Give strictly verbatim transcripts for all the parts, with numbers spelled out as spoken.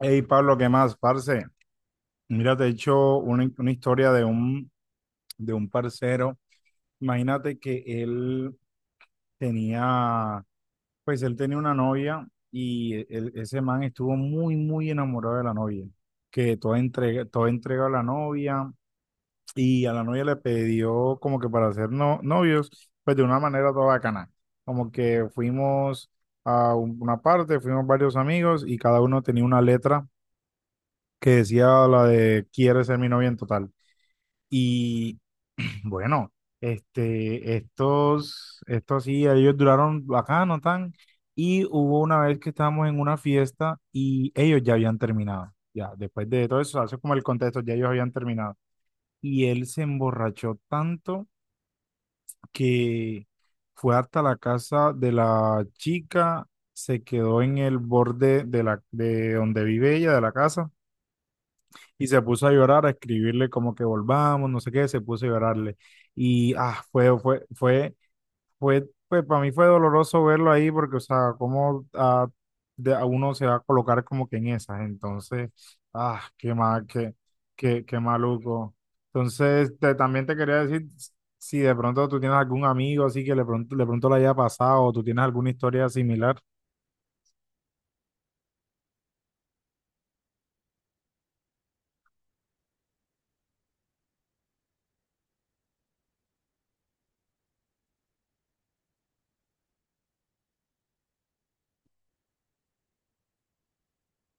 Hey Pablo, ¿qué más, parce? Mira, te he hecho una, una historia de un, de un parcero. Imagínate que él tenía, pues él tenía una novia y el- ese man estuvo muy, muy enamorado de la novia, que toda entrega, toda entrega a la novia, y a la novia le pidió como que para ser no- novios, pues de una manera toda bacana. Como que fuimos a un- una parte, fuimos varios amigos y cada uno tenía una letra que decía la de quiere ser mi novia en total. Y bueno, este, estos, estos sí, ellos duraron bacano, tan. Y hubo una vez que estábamos en una fiesta y ellos ya habían terminado. Ya, después de todo eso, hace como el contexto, ya ellos habían terminado. Y él se emborrachó tanto que fue hasta la casa de la chica, se quedó en el borde de la, de donde vive ella, de la casa. Y se puso a llorar, a escribirle como que volvamos, no sé qué, se puso a llorarle. Y ah, fue, fue, fue, fue, pues para mí fue doloroso verlo ahí porque, o sea, cómo ah, de, a uno se va a colocar como que en esas. Entonces, ah, qué mal, qué, qué, qué maluco. Entonces, te- también te quería decir si de pronto tú tienes algún amigo así que de pronto, de pronto le haya pasado o tú tienes alguna historia similar.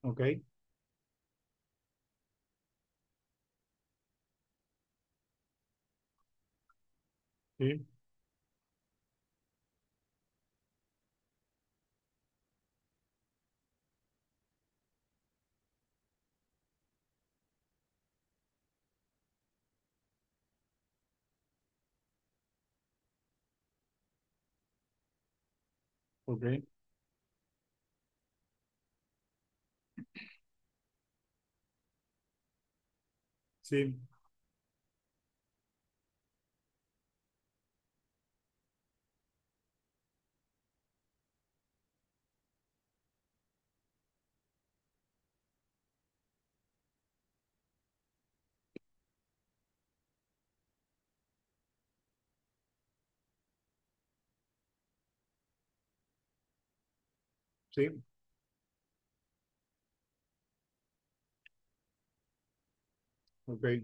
Ok, sí, ok, sí, sí, ok.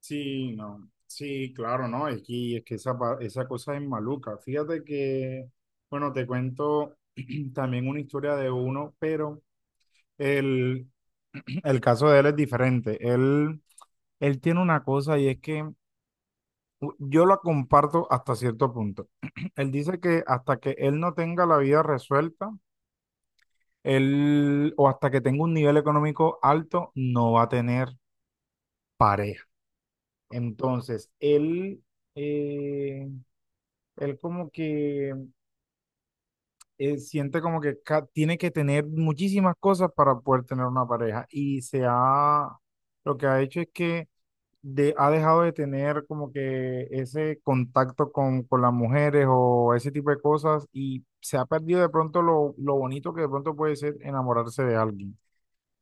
Sí, no, sí, claro, no, es que, es que esa, pa- esa cosa es maluca. Fíjate que, bueno, te cuento también una historia de uno, pero el, el caso de él es diferente. Él, él tiene una cosa y es que u- yo la comparto hasta cierto punto. Él dice que hasta que él no tenga la vida resuelta, él, o hasta que tenga un nivel económico alto, no va a tener pareja. Entonces, él... eh, él como que eh, siente como que ca- tiene que tener muchísimas cosas para poder tener una pareja y se ha, lo que ha hecho es que de- ha dejado de tener como que ese contacto con, con las mujeres o ese tipo de cosas y se ha perdido de pronto lo, lo bonito que de pronto puede ser enamorarse de alguien.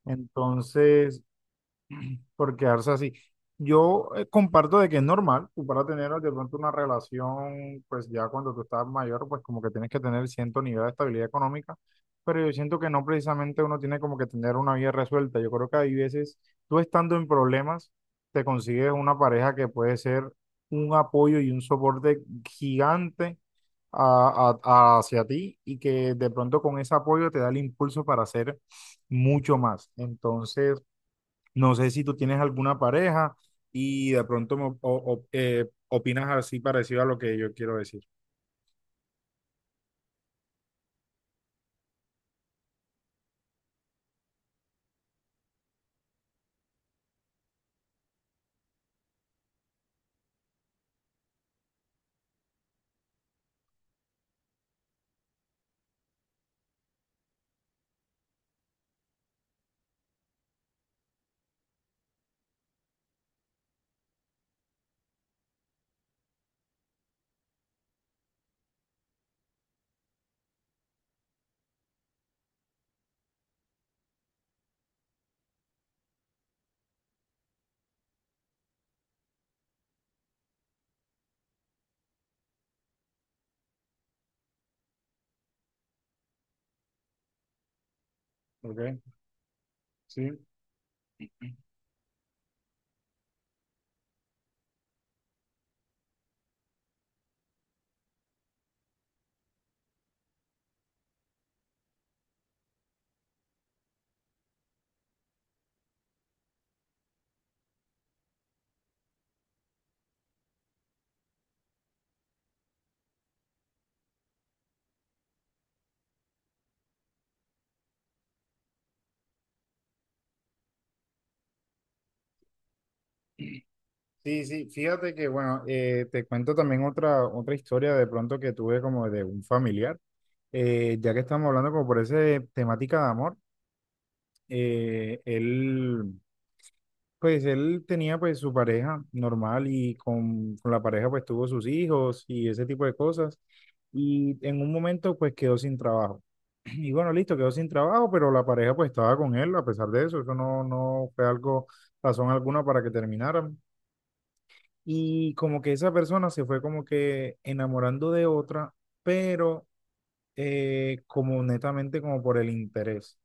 Entonces, por quedarse así. Yo eh, comparto de que es normal, tú para tener de pronto una relación, pues ya cuando tú estás mayor, pues como que tienes que tener cierto nivel de estabilidad económica, pero yo siento que no precisamente uno tiene como que tener una vida resuelta. Yo creo que hay veces, tú estando en problemas, te consigues una pareja que puede ser un apoyo y un soporte gigante a- a- hacia ti y que de pronto con ese apoyo te da el impulso para hacer mucho más. Entonces, no sé si tú tienes alguna pareja y de pronto me, o- o- eh, opinas así parecido a lo que yo quiero decir. ¿Ok? Sí. Sí, sí, fíjate que, bueno, eh, te cuento también otra, otra historia de pronto que tuve como de un familiar. Eh, ya que estamos hablando como por esa temática de amor, eh, él pues él tenía pues su pareja normal y con, con la pareja pues tuvo sus hijos y ese tipo de cosas. Y en un momento pues quedó sin trabajo. Y bueno, listo, quedó sin trabajo, pero la pareja pues estaba con él a pesar de eso. Eso no, no fue algo, razón alguna para que terminaran. Y como que esa persona se fue como que enamorando de otra, pero eh, como netamente como por el interés.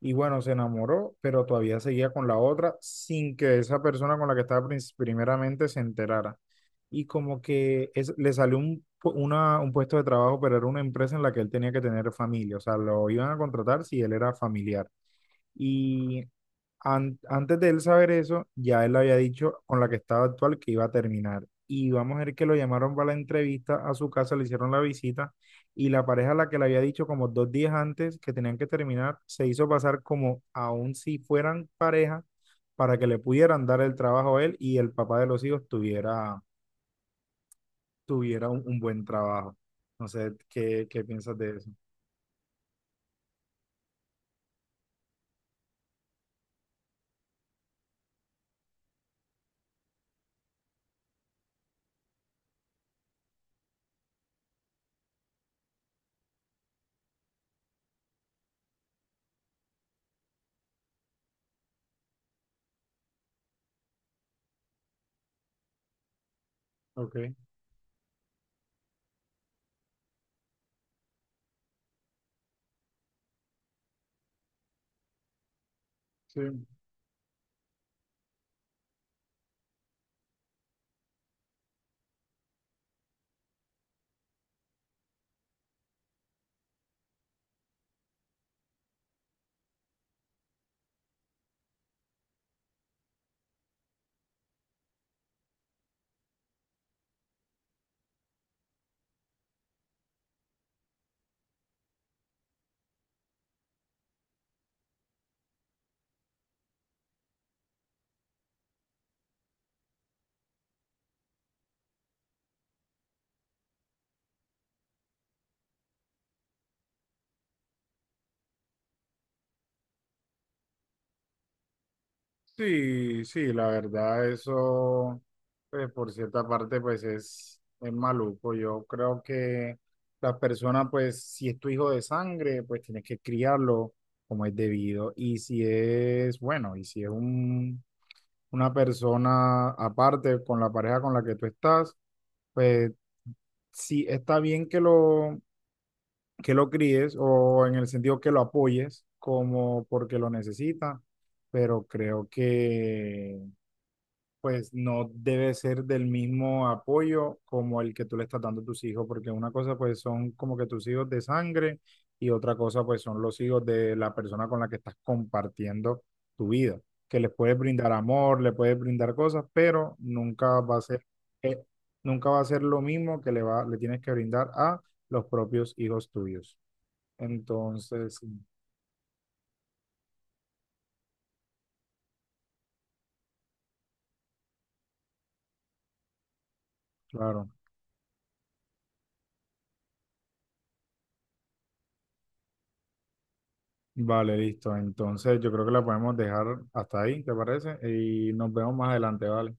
Y bueno, se enamoró, pero todavía seguía con la otra sin que esa persona con la que estaba prin- primeramente se enterara. Y como que es- le salió un, pu- una- un puesto de trabajo, pero era una empresa en la que él tenía que tener familia. O sea, lo iban a contratar si él era familiar. Y an- antes de él saber eso, ya él había dicho con la que estaba actual que iba a terminar. Y vamos a ver que lo llamaron para la entrevista a su casa, le hicieron la visita y la pareja a la que le había dicho como dos días antes que tenían que terminar, se hizo pasar como aún si fueran pareja para que le pudieran dar el trabajo a él y el papá de los hijos tuviera, tuviera un, un buen trabajo. No sé, ¿qué, qué piensas de eso? Ok, sí. Sí, sí, la verdad, eso, pues, por cierta parte, pues es, es maluco. Yo creo que la persona, pues, si es tu hijo de sangre, pues tienes que criarlo como es debido. Y si es, bueno, y si es un, una persona aparte con la pareja con la que tú estás, pues sí está bien que lo, que lo críes o en el sentido que lo apoyes como porque lo necesita, pero creo que pues no debe ser del mismo apoyo como el que tú le estás dando a tus hijos, porque una cosa pues son como que tus hijos de sangre y otra cosa pues son los hijos de la persona con la que estás compartiendo tu vida, que les puedes brindar amor, le puedes brindar cosas, pero nunca va a ser, eh, nunca va a ser lo mismo que le va, le tienes que brindar a los propios hijos tuyos. Entonces, sí, claro. Vale, listo. Entonces yo creo que la podemos dejar hasta ahí, ¿te parece? Y nos vemos más adelante, ¿vale?